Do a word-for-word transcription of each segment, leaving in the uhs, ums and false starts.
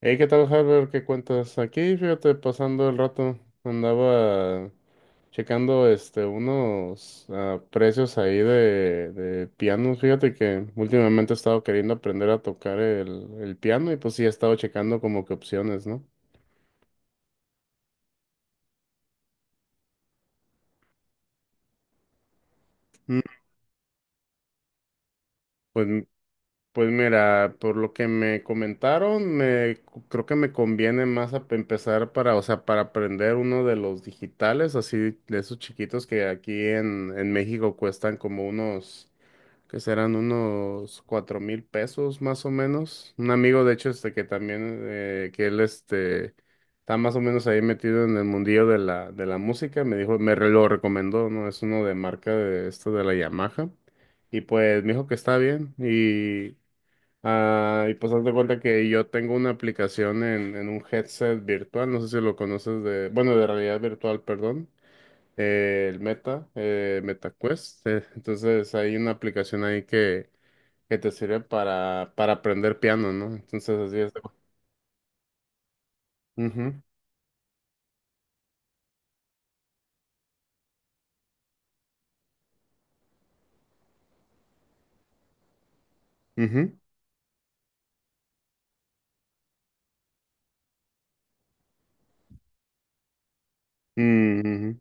Hey, ¿qué tal, Harvard? ¿Qué cuentas? Aquí, fíjate, pasando el rato, andaba checando este unos ah, precios ahí de, de pianos. Fíjate que últimamente he estado queriendo aprender a tocar el, el piano y pues sí he estado checando como que opciones, ¿no? Mm, Pues, m- pues mira, por lo que me comentaron, me cu- creo que me conviene más ap- empezar para, o sea, para aprender uno de los digitales, así de esos chiquitos que aquí en, en México cuestan como unos que serán unos cuatro mil pesos más o menos. Un amigo, de hecho, este que también, eh, que él este, está más o menos ahí metido en el mundillo de la, de la música, me dijo, me re- lo recomendó, ¿no? Es uno de marca de esto de la Yamaha. Y pues me dijo que está bien. Y, ah, y pues haz de cuenta que yo tengo una aplicación en, en un headset virtual, no sé si lo conoces de, bueno, de realidad virtual, perdón. Eh, el Meta, eh, MetaQuest. Eh, entonces hay una aplicación ahí que, que te sirve para, para aprender piano, ¿no? Entonces así es. Mhm. Mhm. Mhm. Mhm.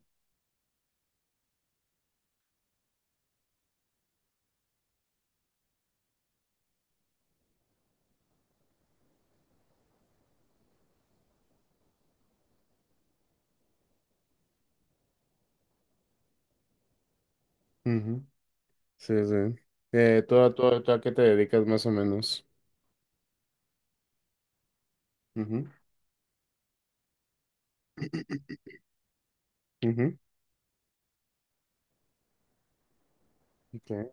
Sí, sí. Eh, ¿tú, a- tú, a tú a qué te dedicas más o menos? Mhm. Mhm. Okay,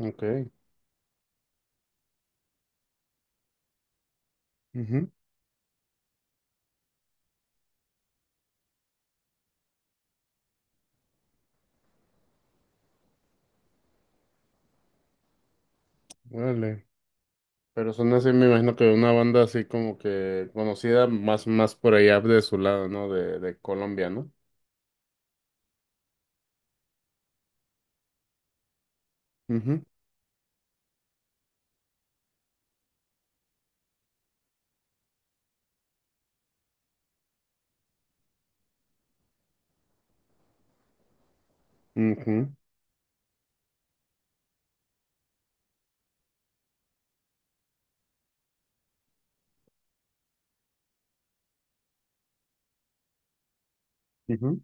okay. Mhm. Vale. Pero son así, me imagino que una banda así como que conocida más, más por allá de su lado, ¿no? De, de Colombia, ¿no? Mhm. Mhm. Mhm.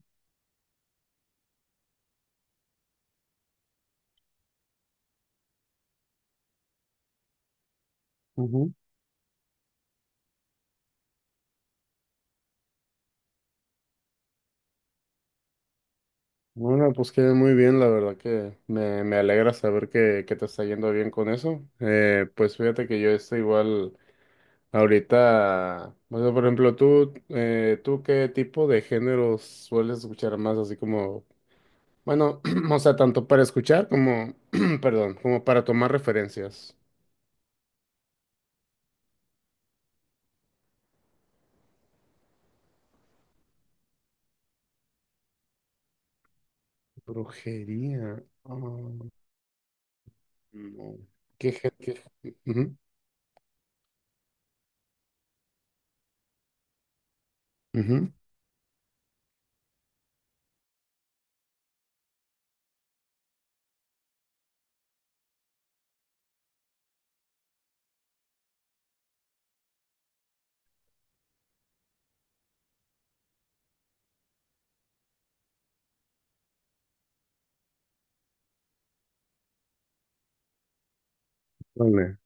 Bueno, pues queda muy bien, la verdad que me, me alegra saber que, que te está yendo bien con eso. Eh, pues fíjate que yo estoy igual ahorita, o sea, por ejemplo, tú, eh, ¿tú qué tipo de géneros sueles escuchar más? Así como, bueno, o sea, tanto para escuchar como, perdón, como para tomar referencias. Brujería. Ah, no. ¿Qué, gé- qué? Ujú. Ujú.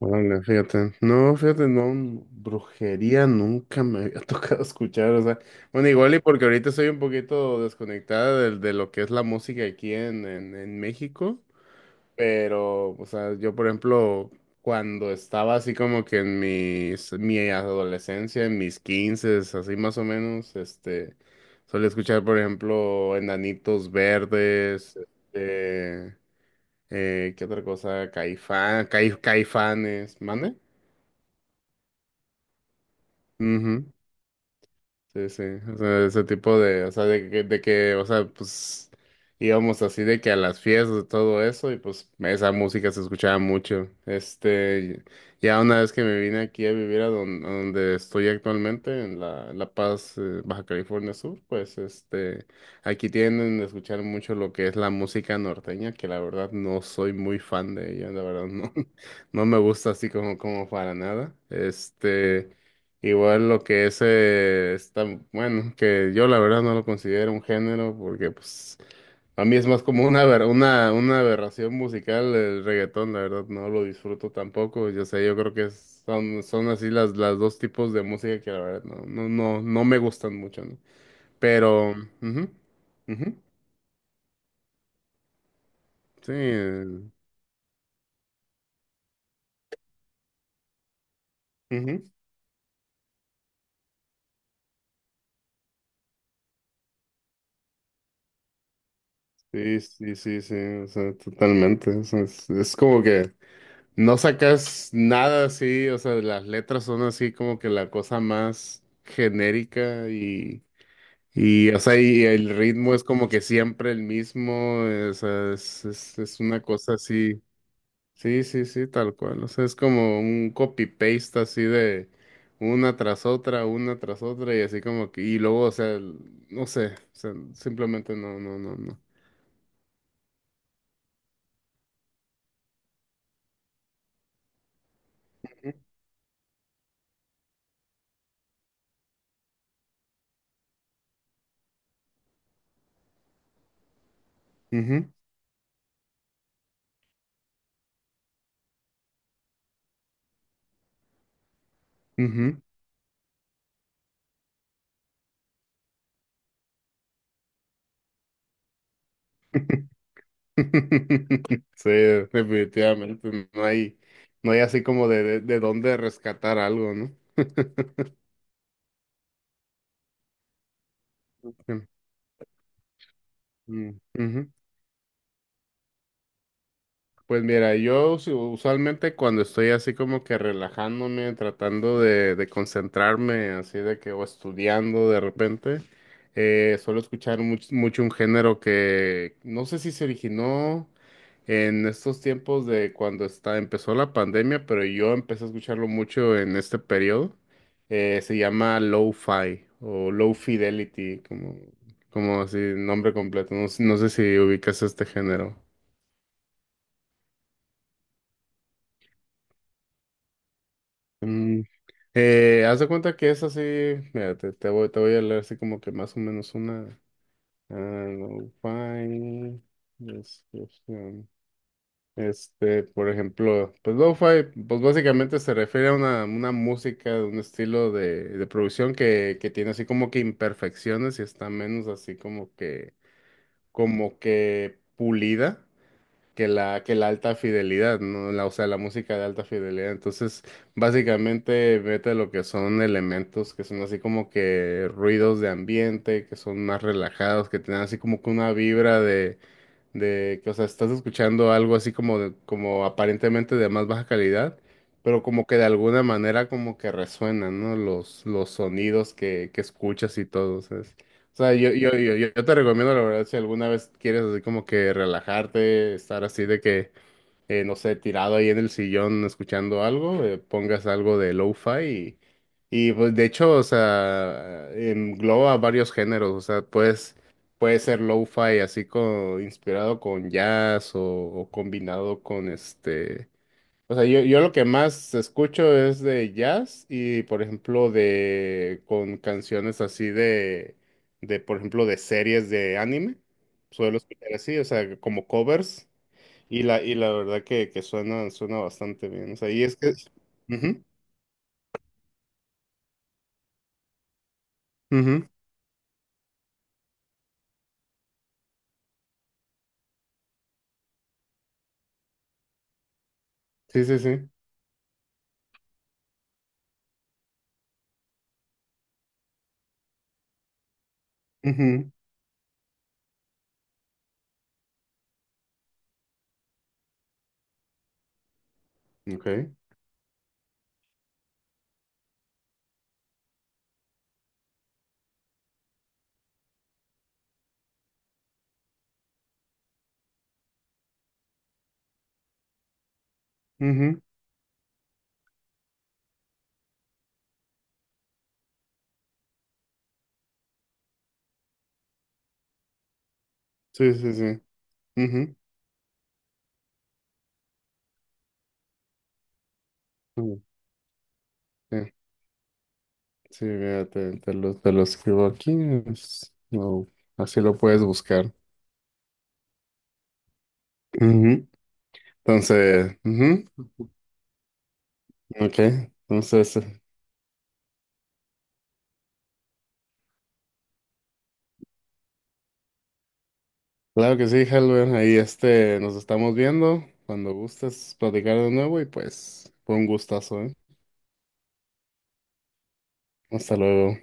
Vale, fíjate. No, fíjate, no, brujería nunca me había tocado escuchar, o sea, bueno, igual y porque ahorita estoy un poquito desconectada del- de, lo que es la música aquí en, en, en México, pero, o sea, yo por ejemplo, cuando estaba así como que en mis, mi adolescencia, en mis quinces, así más o menos, este, solía escuchar, por ejemplo, Enanitos Verdes, este... Eh, ¿qué otra cosa? Caifán, Caif- Caifanes, ¿mande? Ujú. Sí, sí, o sea, ese tipo de, o sea, de, que, de que, o sea, pues íbamos así de que a las fiestas y todo eso y pues esa música se escuchaba mucho. Este, ya una vez que me vine aquí a vivir a don- a donde, estoy actualmente, en La, en La Paz, eh, Baja California Sur. Pues este, aquí tienden a escuchar mucho lo que es la música norteña, que la verdad no soy muy fan de ella, la verdad no. No me gusta así como, como para nada. Este... Igual lo que es, eh, está, bueno, que yo la verdad no lo considero un género porque pues a mí es más como una, aber- una, una aberración musical el reggaetón, la verdad no lo disfruto tampoco, yo sé, yo creo que es- son, son así las, las dos tipos de música que la verdad no, no, no, no me gustan mucho, ¿no? Pero. Ujú. Ujú. Sí. eh, Ujú. Sí, sí, sí, sí, o sea, totalmente. O sea, es, es como que no sacas nada así, o sea, las letras son así como que la cosa más genérica y, y o sea, y el ritmo es como que siempre el mismo, eh, o sea, es, es, es una cosa así, sí, sí, sí, tal cual, o sea, es como un copy-paste así de una tras otra, una tras otra, y así como que, y luego, o sea, el- no sé, o sea, simplemente no, no, no, no. Ujú. Ujú. Sí, definitivamente. No hay, no hay así como de, de, de dónde rescatar algo, ¿no? Sí. Mm. Ujú. Pues mira, yo usu- usualmente cuando estoy así como que relajándome, tratando de, de concentrarme, así de que o estudiando de repente, eh, suelo escuchar much- mucho un género que no sé si se originó en estos tiempos de cuando está, empezó la pandemia, pero yo empecé a escucharlo mucho en este periodo. Eh, se llama Lo-Fi o Low Fidelity, como, como así, nombre completo. No, sé no sé si ubicas este género. Mm, eh, haz de cuenta que es así, mira, te, te voy, te voy a leer así como que más o menos una... ah, Lo-Fi description. Este, por ejemplo, pues lo-fi, pues básicamente se refiere a una, una música, un estilo de, de producción que, que tiene así como que imperfecciones y está menos así como que, como que pulida que la, que la alta fidelidad, ¿no? La, o sea, la música de alta fidelidad. Entonces, básicamente mete lo que son elementos que son así como que ruidos de ambiente, que son más relajados, que tienen así como que una vibra de de que, o sea, estás escuchando algo así como, de- como aparentemente de más baja calidad, pero como que de alguna manera como que resuenan, ¿no? Los, los sonidos que, que escuchas y todo, ¿sabes? O sea, yo, yo, yo, yo yo te recomiendo, la verdad. Si alguna vez quieres así como que relajarte, estar así de que eh, no sé, tirado ahí en el sillón escuchando algo, eh, pongas algo de lo-fi y, y, pues de hecho, o sea, engloba varios géneros, o sea, puedes, puede ser lo-fi así como inspirado con jazz o, o combinado con este, o sea, yo, yo lo que más escucho es de jazz y por ejemplo de, con canciones así de, de por ejemplo de series de anime, suelo escuchar así, o sea, como covers. Y la, y la verdad que, que suena, suena bastante bien. O sea, y es que. Ujú. Ujú. Sí, sí, sí. Ujú. Ok. Ujú. Sí, sí, sí. Ujú. Ujú. Sí, sí, mira, te, te lo, te lo escribo aquí. Es- no, así lo puedes buscar. Ujú. Entonces, ujú. Ok. Entonces, eh, claro que sí, Halber. Ahí este, nos estamos viendo. Cuando gustes platicar de nuevo y pues, fue un gustazo, ¿eh? Hasta luego.